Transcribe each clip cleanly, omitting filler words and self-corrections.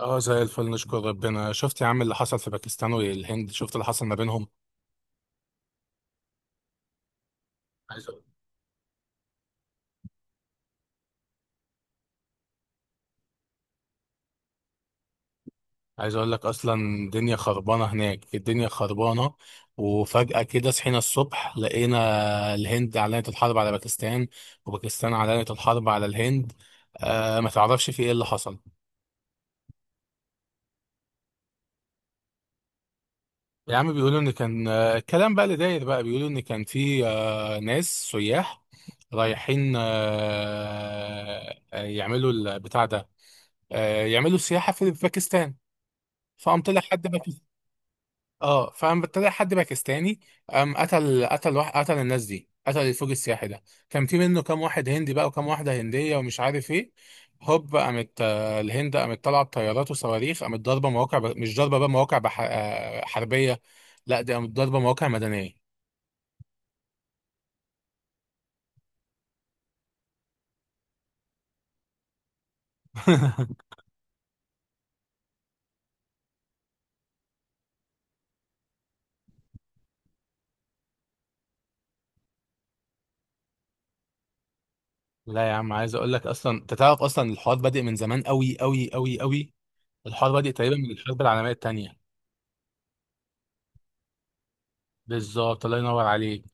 اه زي الفل نشكر ربنا. شفت يا عم اللي حصل في باكستان والهند؟ شفت اللي حصل ما بينهم. عايز أقول- عايز اقول لك اصلا الدنيا خربانه هناك، الدنيا خربانه. وفجاه كده صحينا الصبح لقينا الهند اعلنت الحرب على باكستان، وباكستان اعلنت الحرب على الهند. آه، ما تعرفش في ايه اللي حصل؟ يا عم بيقولوا ان كان الكلام بقى اللي داير بقى بيقولوا ان كان في ناس سياح رايحين، يعملوا البتاع ده، يعملوا سياحه في باكستان. فقام طلع حد باكستاني. اه، فقام طلع حد باكستاني، قام قتل، قتل واحد قتل الناس دي، قتل الفوج السياحي ده. كان في منه كام واحد هندي بقى وكام واحده هنديه ومش عارف ايه. هوب قامت، الهند قامت طالعه بطيارات وصواريخ، قامت ضاربه مواقع ب... مش ضاربه بقى مواقع بح... حربيه. لا، دي قامت ضاربه مواقع مدنيه. لا يا عم، عايز اقول لك اصلا، انت تعرف اصلا الحوار بادئ من زمان قوي قوي قوي قوي. الحوار بادئ تقريبا من الحرب العالميه الثانيه. بالظبط، الله ينور عليك.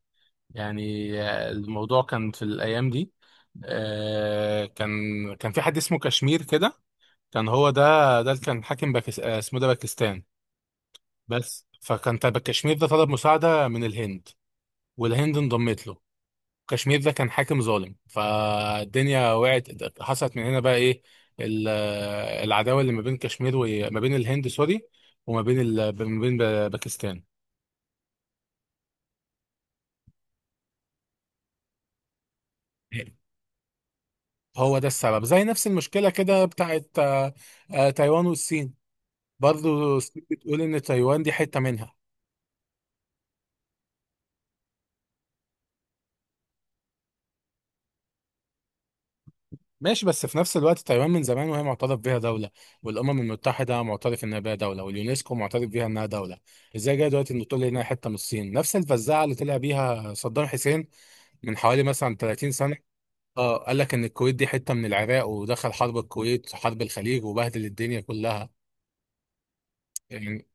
يعني الموضوع كان في الأيام دي، كان كان في حد اسمه كشمير كده، كان هو ده. ده اللي كان حاكم باكس... اسمه ده باكستان بس. فكان تبع كشمير ده طلب مساعدة من الهند، والهند انضمت له. كشمير ده كان حاكم ظالم، فالدنيا وقعت. حصلت من هنا بقى ايه؟ العداوة اللي ما بين كشمير وما بين الهند، سوري، وما بين ال... ما بين باكستان. هو ده السبب، زي نفس المشكلة كده بتاعت تايوان والصين. برضه الصين بتقول ان تايوان دي حته منها. ماشي، بس في نفس الوقت تايوان من زمان وهي معترف بيها دوله، والامم المتحده معترف انها بيها دوله، واليونسكو معترف بيها انها دوله. ازاي جاي دلوقتي ان تقول لي انها حته من الصين؟ نفس الفزاعه اللي طلع بيها صدام حسين من حوالي مثلا 30 سنه. اه، قال لك ان الكويت دي حته من العراق، ودخل حرب الكويت وحرب الخليج وبهدل الدنيا كلها. يعني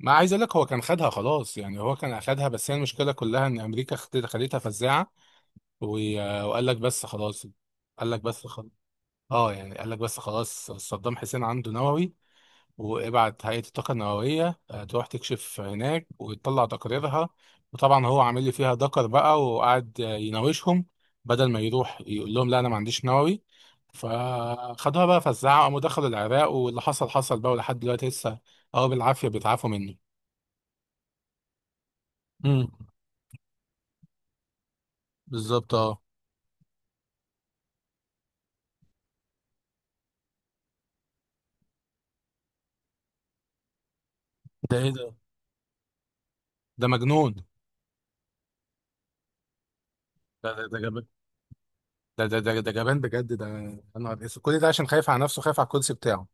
ما عايز اقول لك هو كان خدها خلاص، يعني هو كان اخدها، بس هي المشكله كلها ان امريكا خدتها فزاعه، وقال لك بس خلاص. قال لك بس خلاص. اه، يعني قال لك بس خلاص، صدام حسين عنده نووي، وابعت هيئة الطاقة النووية تروح تكشف هناك وتطلع تقاريرها. وطبعا هو عامل لي فيها دكر بقى، وقعد يناوشهم، بدل ما يروح يقول لهم لا انا ما عنديش نووي. فخدوها بقى، فزعوا قاموا دخلوا العراق، واللي حصل حصل بقى، ولحد دلوقتي لسه، اه، بالعافية بيتعافوا منه. امم، بالظبط اه. ده ايه ده، ده مجنون. ده جبان. ده جبان بجد ده. انا كل ده عشان خايف على نفسه، خايف على الكرسي بتاعه.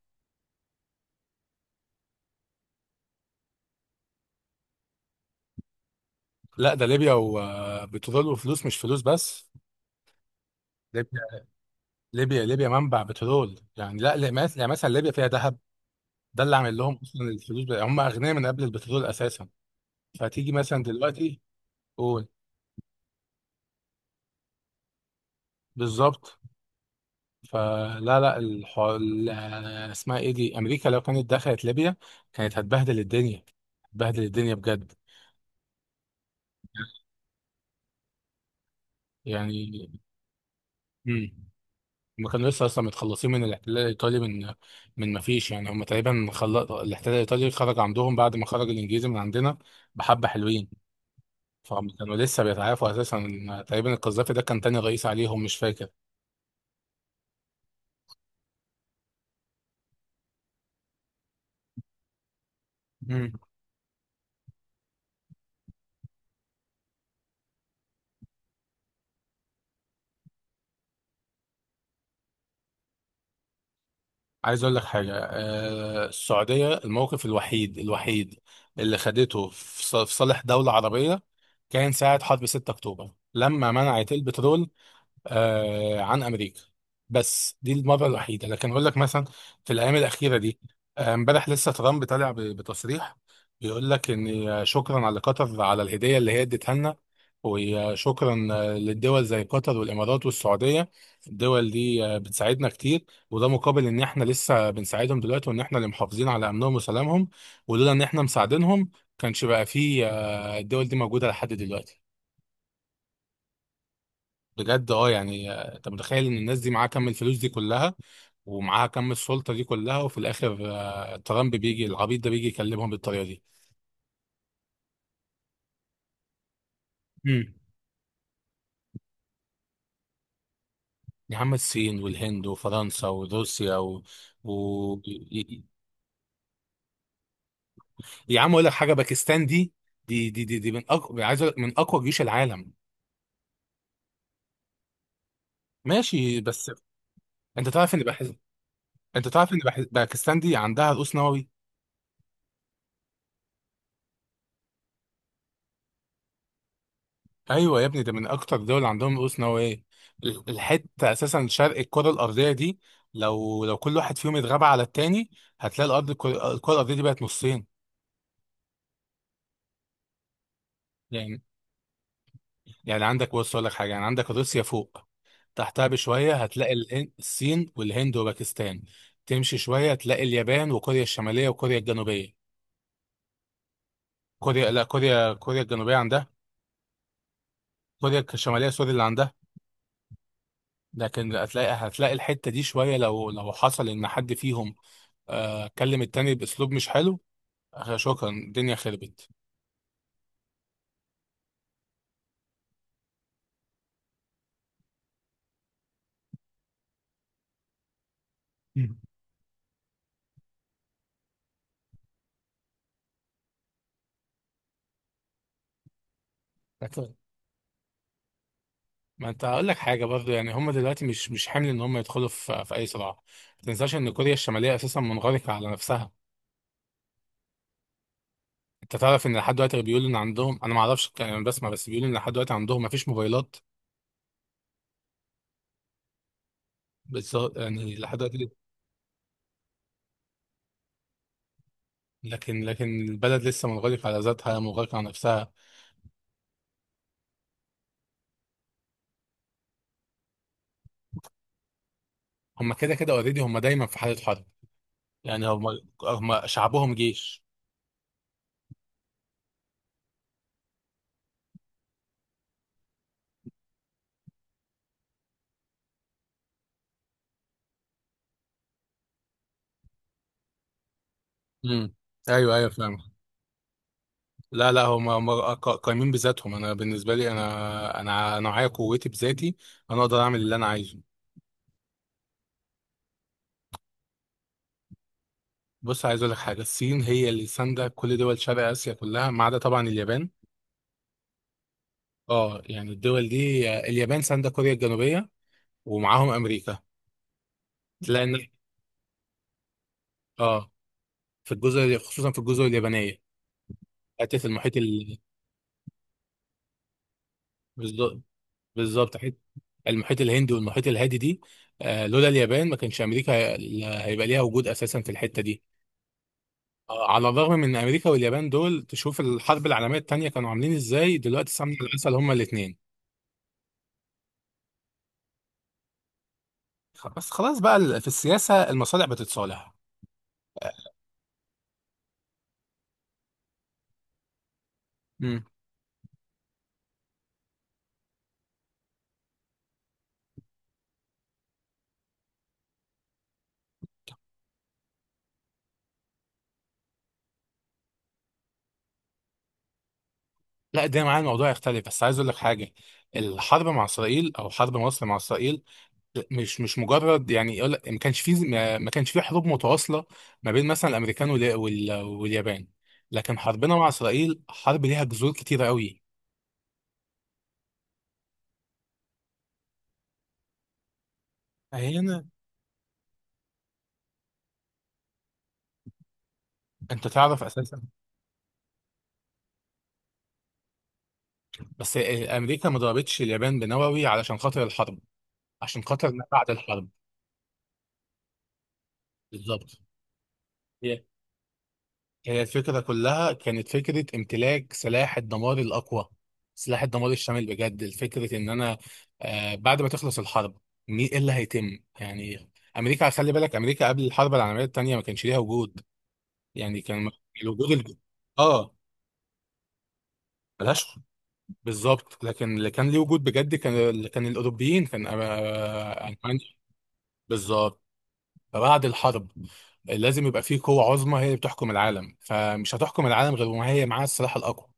لا، ده ليبيا وبترول وفلوس، مش فلوس بس. ليبيا، ليبيا منبع بترول يعني. لا لا، مس-، يعني مثلا ليبيا فيها ذهب، ده اللي عامل لهم اصلا الفلوس بقى. هم اغنياء من قبل البترول اساسا. فتيجي مثلا دلوقتي، قول. بالظبط. فلا لا الحو... ال- اسمها ايه دي، امريكا لو كانت دخلت ليبيا كانت هتبهدل الدنيا، هتبهدل الدنيا بجد. يعني مم. هم كانوا لسه اصلا متخلصين من الاحتلال الايطالي من، من ما فيش، يعني هم تقريبا خل... الاحتلال الايطالي خرج عندهم بعد ما خرج الانجليزي من عندنا. بحبه حلوين. فهم كانوا لسه بيتعافوا اساسا. تقريبا القذافي ده كان تاني رئيس عليهم، مش فاكر. مم. عايز اقول لك حاجه، آه، السعوديه الموقف الوحيد اللي خدته في ص-، في صالح دوله عربيه، كان ساعه حرب 6 اكتوبر لما منعت البترول آه عن امريكا. بس دي المره الوحيده. لكن اقول لك مثلا في الايام الاخيره دي، امبارح لسه ترامب طالع بتصريح بيقول لك ان شكرا على قطر، على الهديه اللي هي اديتها لنا، وشكرا للدول زي قطر والامارات والسعوديه. الدول دي بتساعدنا كتير، وده مقابل ان احنا لسه بنساعدهم دلوقتي، وان احنا اللي محافظين على امنهم وسلامهم، ولولا ان احنا مساعدينهم كانش بقى فيه الدول دي موجوده لحد دلوقتي. بجد اه، يعني انت متخيل ان الناس دي معاها كم الفلوس دي كلها، ومعاها كم السلطه دي كلها، وفي الاخر ترامب بيجي، العبيط ده بيجي يكلمهم بالطريقه دي. مم. يا عم، الصين والهند وفرنسا وروسيا و... و... يا عم اقول لك حاجه، باكستان دي، دي من اقوى، عايز اقول لك من اقوى جيوش العالم. ماشي بس، انت تعرف ان بحز...، انت تعرف ان بحز... باكستان دي عندها رؤوس نووي. ايوه يا ابني، ده من اكتر دول عندهم رؤوس نوويه. ال- الحته اساسا شرق الكره الارضيه دي، لو كل واحد فيهم اتغاب على التاني، هتلاقي الارض، الكرة الارضيه دي بقت نصين. يعني يعني عندك، بص اقول لك حاجه، يعني عندك روسيا فوق، تحتها بشويه هتلاقي الصين والهند وباكستان. تمشي شويه تلاقي اليابان وكوريا الشماليه وكوريا الجنوبيه. كوريا، لا، كوريا الجنوبيه عندها، كوريا الشماليه، سوري، اللي عندها. لكن هتلاقي الحته دي شويه، لو حصل ان حد فيهم كلم التاني باسلوب مش حلو، شكرا الدنيا خربت. مم. لكن ما انت هقول لك حاجه برضه، يعني هم دلوقتي مش حامل ان هم يدخلوا في في اي صراع. ما تنساش ان كوريا الشماليه اساسا منغلقه على نفسها. انت تعرف ان لحد دلوقتي بيقولوا ان عندهم، انا ما اعرفش يعني، انا بسمع بس، بيقولوا ان لحد دلوقتي عندهم ما فيش موبايلات، بس يعني لحد دلوقتي، لكن البلد لسه منغلقه على ذاتها، منغلقه على نفسها. هم كده كده اوريدي هم دايما في حاله حرب، يعني هم، هم شعبهم جيش. امم، ايوه ايوه فاهم. لا هم قايمين بذاتهم. انا بالنسبه لي، انا انا معايا قوتي بذاتي، انا اقدر اعمل اللي انا عايزه. بص عايز اقول لك حاجه، الصين هي اللي سانده كل دول شرق اسيا كلها، ما عدا طبعا اليابان. اه، يعني الدول دي، اليابان سانده كوريا الجنوبيه ومعاهم امريكا. تلاقي ان، اه، في الجزر، خصوصا في الجزر اليابانيه، حته المحيط ال... بالظ- بالظبط، حته المحيط الهندي والمحيط الهادي دي. آه، لولا اليابان ما كانش امريكا هيبقى ليها وجود اساسا في الحته دي. على الرغم من امريكا واليابان دول، تشوف الحرب العالميه الثانيه كانوا عاملين ازاي، دلوقتي سمنه العسل هما الاثنين. بس خلاص بقى، ال- في السياسه المصالح بتتصالح. امم، لا ده معايا الموضوع يختلف، بس عايز اقول لك حاجه، الحرب مع اسرائيل او حرب مصر مع اسرائيل، مش مجرد، يعني يقول لك ما كانش فيه، ما كانش فيه حروب متواصله ما بين مثلا الامريكان واليابان، لكن حربنا مع اسرائيل حرب ليها جذور كتيره قوي. هنا، انت تعرف اساسا، بس امريكا ما ضربتش اليابان بنووي علشان خاطر الحرب، عشان خاطر ما بعد الحرب. بالظبط، هي هي الفكره كلها كانت فكره امتلاك سلاح الدمار الاقوى، سلاح الدمار الشامل بجد. الفكره ان انا، آه، بعد ما تخلص الحرب، مين ايه اللي هيتم يعني. امريكا، خلي بالك، امريكا قبل الحرب العالميه الثانيه ما كانش ليها وجود. يعني كان الوجود الج...، اه، ملهاش. بالظبط، لكن اللي كان ليه وجود بجد كان، اللي كان الاوروبيين كان ألمانيا. بالظبط، فبعد الحرب لازم يبقى فيه قوة عظمى هي اللي بتحكم العالم، فمش هتحكم العالم غير وما هي معاها السلاح الأقوى.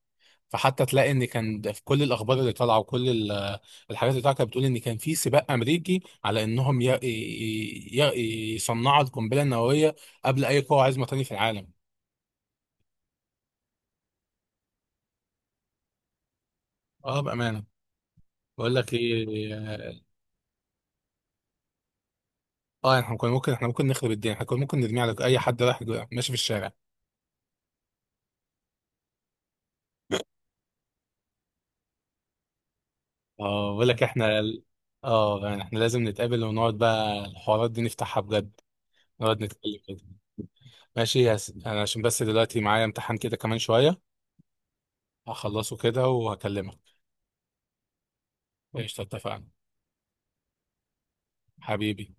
فحتى تلاقي ان كان ده في كل الاخبار اللي طالعه، وكل ال- الحاجات اللي طالعه كانت بتقول ان كان في سباق امريكي على انهم يصنعوا القنبله النوويه قبل اي قوه عظمى تاني في العالم. اه بامانه، بقول لك ايه، اه احنا كنا ممكن، احنا ممكن نخرب الدنيا، احنا كنا ممكن نرمي على اي حد رايح ماشي في الشارع. اه بقول لك احنا، اه يعني احنا لازم نتقابل ونقعد بقى الحوارات دي نفتحها بجد، نقعد نتكلم كده. ماشي يا س...، انا عشان بس دلوقتي معايا امتحان كده كمان شوية، هخلصه كده وهكلمك. قشطة اتفقنا حبيبي.